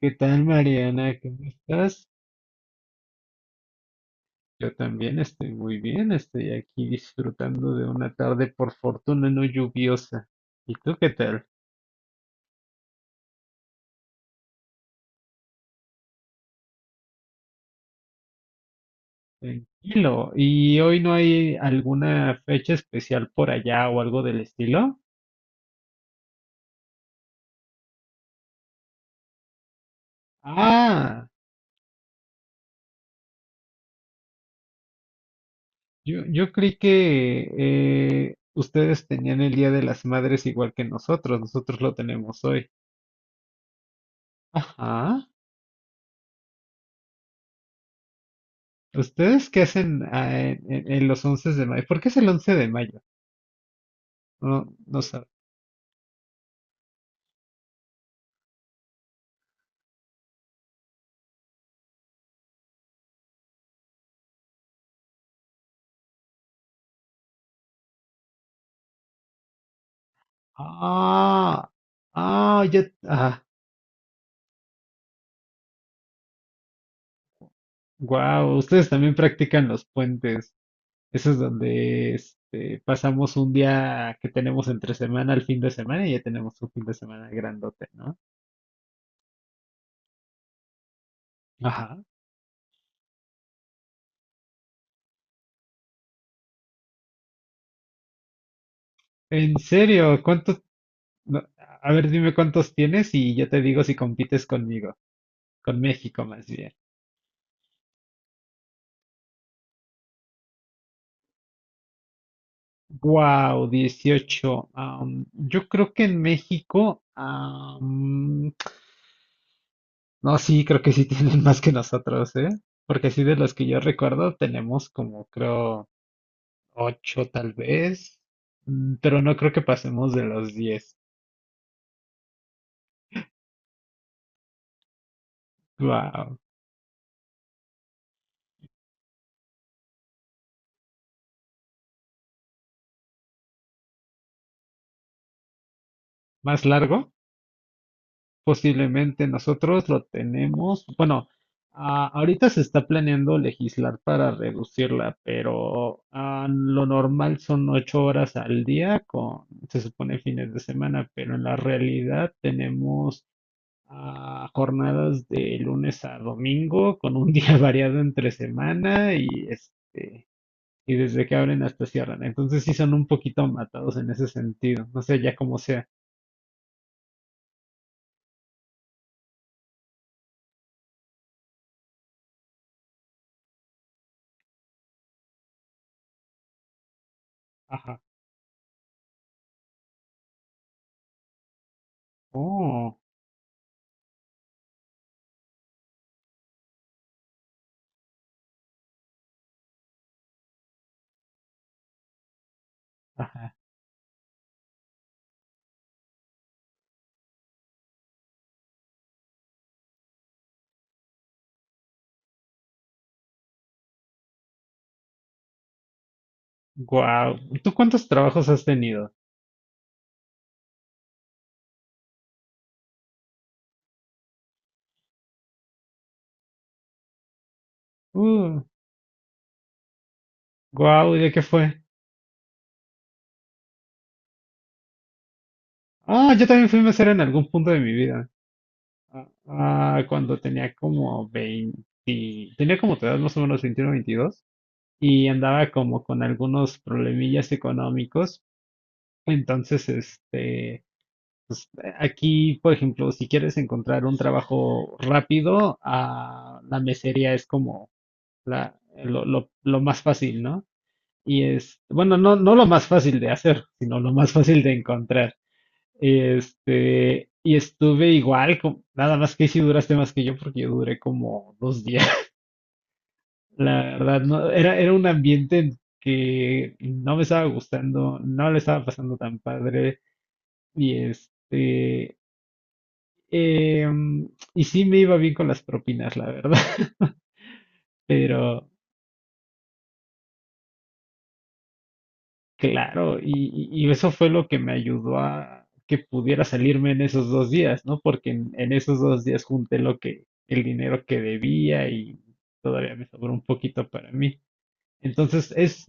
¿Qué tal, Mariana? ¿Cómo estás? Yo también estoy muy bien, estoy aquí disfrutando de una tarde por fortuna no lluviosa. ¿Y tú qué tal? Tranquilo. ¿Y hoy no hay alguna fecha especial por allá o algo del estilo? Ah, yo creí que ustedes tenían el Día de las Madres igual que nosotros lo tenemos hoy. Ajá. ¿Ustedes qué hacen en los 11 de mayo? ¿Por qué es el 11 de mayo? No, no sabes. Ah, ah, ya, wow, ustedes también practican los puentes. Eso es donde pasamos un día que tenemos entre semana al fin de semana y ya tenemos un fin de semana grandote, ¿no? Ajá. En serio, ¿cuántos? No, a ver, dime cuántos tienes y yo te digo si compites conmigo, con México más bien. Wow, 18. Yo creo que en México, no, sí, creo que sí tienen más que nosotros, ¿eh? Porque sí, de los que yo recuerdo, tenemos como, creo, ocho tal vez, pero no creo que pasemos de los 10. Wow. Más largo, posiblemente nosotros lo tenemos. Bueno, ah, ahorita se está planeando legislar para reducirla, pero ah, lo normal son 8 horas al día con, se supone, fines de semana, pero en la realidad tenemos a jornadas de lunes a domingo, con un día variado entre semana y desde que abren hasta cierran. Entonces sí son un poquito matados en ese sentido. No sé, ya como sea. Ajá. Oh, ajá. Guau. ¿Tú cuántos trabajos has tenido? Uh, guau, ¿y de qué fue? Ah, yo también fui mesero en algún punto de mi vida. Ah, ah, cuando tenía como 20 tenía como tu edad, más o menos 21, 22, y andaba como con algunos problemillas económicos. Entonces, pues, aquí, por ejemplo, si quieres encontrar un trabajo rápido, ah, la mesería es como lo más fácil, ¿no? Y es, bueno, no, no lo más fácil de hacer, sino lo más fácil de encontrar. Y estuve igual, nada más que si duraste más que yo, porque yo duré como 2 días. La verdad, no, era un ambiente en que no me estaba gustando, no le estaba pasando tan padre, y em, y sí me iba bien con las propinas, la verdad, pero claro, y eso fue lo que me ayudó a que pudiera salirme en esos 2 días, ¿no? Porque en esos 2 días junté lo que, el dinero que debía, y todavía me sobró un poquito para mí. Entonces, es,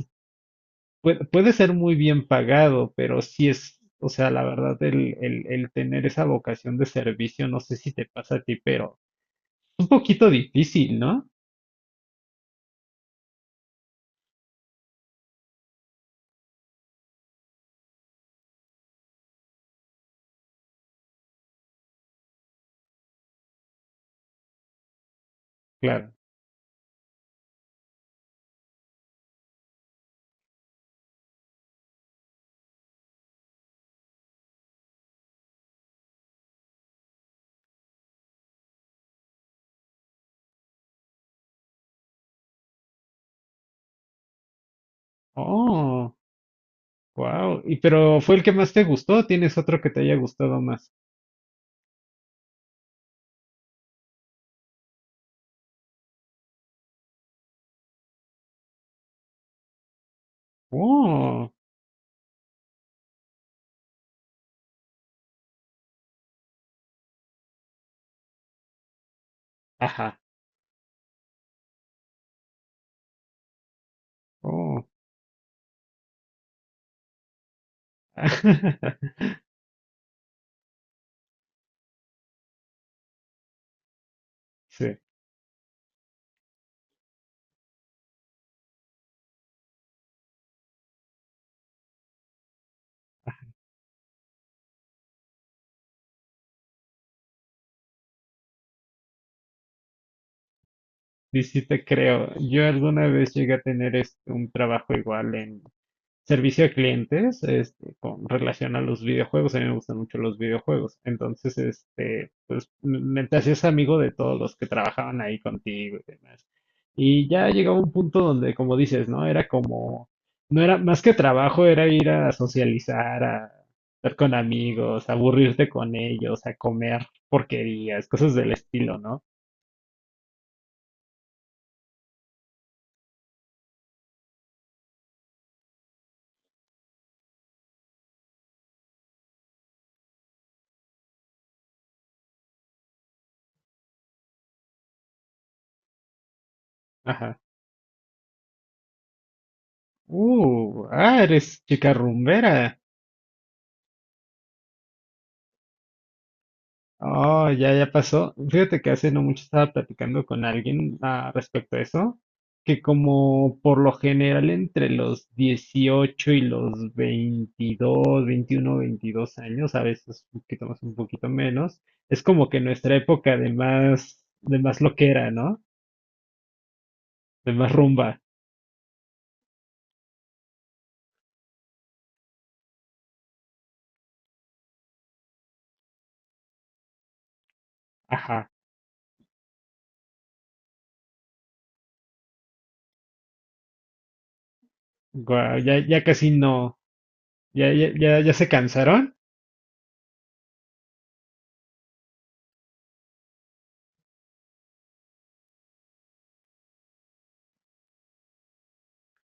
puede ser muy bien pagado, pero sí es, o sea, la verdad, el tener esa vocación de servicio, no sé si te pasa a ti, pero es un poquito difícil, ¿no? Claro. Oh, wow. Y pero fue el que más te gustó, ¿tienes otro que te haya gustado más? Oh, ajá. Oh. Sí. Y sí te creo. Yo alguna vez llegué a tener un trabajo igual en servicio a clientes, con relación a los videojuegos. A mí me gustan mucho los videojuegos. Entonces, pues me te hacías amigo de todos los que trabajaban ahí contigo y demás. Y ya llegaba un punto donde, como dices, ¿no? Era como, no era más que trabajo, era ir a socializar, a estar con amigos, a aburrirte con ellos, a comer porquerías, cosas del estilo, ¿no? Ajá. Ah, eres chica rumbera. Oh, ya, ya pasó. Fíjate que hace no mucho estaba platicando con alguien ah, respecto a eso, que como por lo general entre los 18 y los 22, 21, 22 años, a veces un poquito más, un poquito menos, es como que nuestra época de más loquera, ¿no? De más rumba. Ajá. Guau, ya, ya casi no. Ya, ya, ya, ya se cansaron.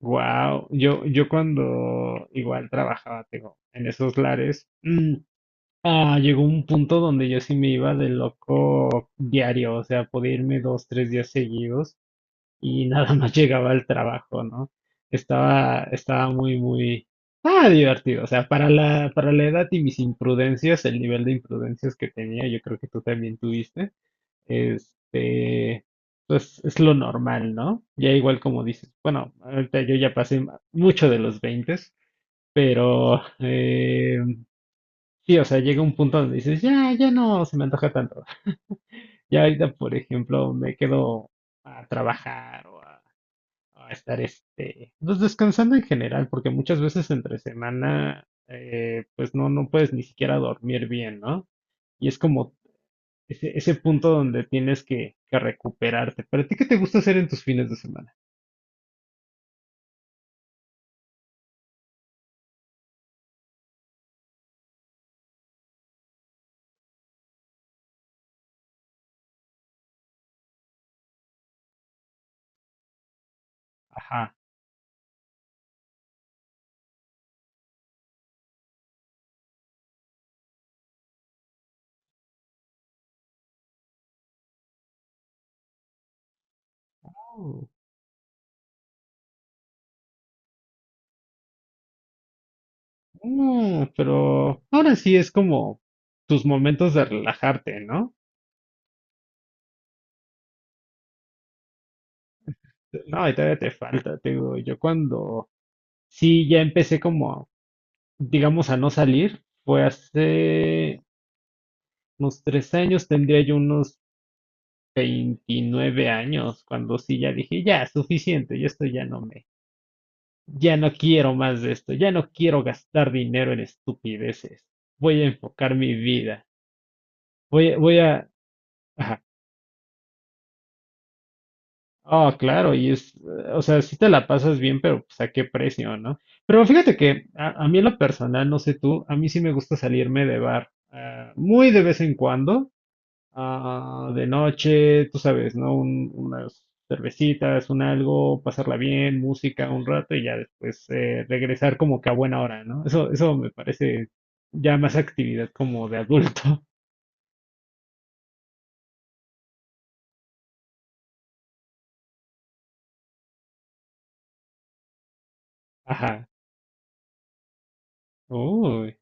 Wow, yo cuando igual trabajaba, tengo, en esos lares, ah, llegó un punto donde yo sí me iba de loco diario, o sea, podía irme 2, 3 días seguidos y nada más llegaba al trabajo, ¿no? Estaba muy, muy, ah, divertido, o sea, para la edad y mis imprudencias, el nivel de imprudencias que tenía, yo creo que tú también tuviste. Este, pues es lo normal, ¿no? Ya igual como dices, bueno, ahorita yo ya pasé mucho de los 20, pero sí, o sea, llega un punto donde dices, ya, ya no se me antoja tanto. Ya ahorita, por ejemplo, me quedo a trabajar o a estar, pues descansando en general, porque muchas veces entre semana, pues no, no puedes ni siquiera dormir bien, ¿no? Y es como ese punto donde tienes que recuperarte. ¿Pero a ti qué te gusta hacer en tus fines de semana? Ajá. Oh, ah, pero ahora sí es como tus momentos de relajarte, ¿no? No, y todavía te falta, te digo, yo cuando sí ya empecé como, digamos, a no salir, fue hace unos 3 años, tendría yo unos 29 años, cuando sí ya dije, ya, suficiente, y esto ya no me, ya no quiero más de esto, ya no quiero gastar dinero en estupideces. Voy a enfocar mi vida. Voy a... Ajá. Oh, claro, y es, o sea, si te la pasas bien, pero pues a qué precio, ¿no? Pero fíjate que a mí en lo personal, no sé tú, a mí sí me gusta salirme de bar, ah, muy de vez en cuando. Ah, de noche, tú sabes, ¿no? Unas cervecitas, un algo, pasarla bien, música un rato y ya después regresar como que a buena hora, ¿no? Eso me parece ya más actividad como de adulto. Ajá. Uy,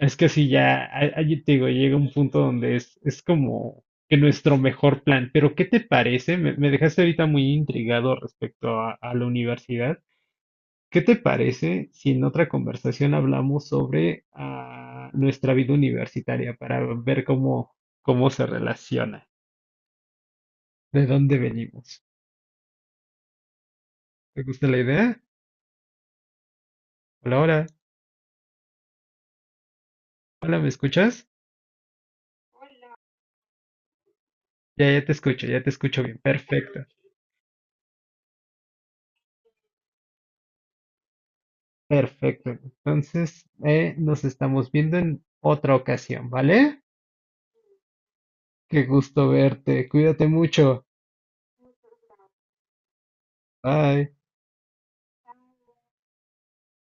es que sí, ya, allí te digo, llega un punto donde es como que nuestro mejor plan. Pero, ¿qué te parece? Me dejaste ahorita muy intrigado respecto a la universidad. ¿Qué te parece si en otra conversación hablamos sobre nuestra vida universitaria para ver cómo se relaciona? ¿De dónde venimos? ¿Te gusta la idea? Hola, hola, hola, ¿me escuchas? Ya, ya te escucho bien. Perfecto, perfecto. Entonces, nos estamos viendo en otra ocasión, ¿vale? Qué gusto verte. Cuídate mucho. Bye.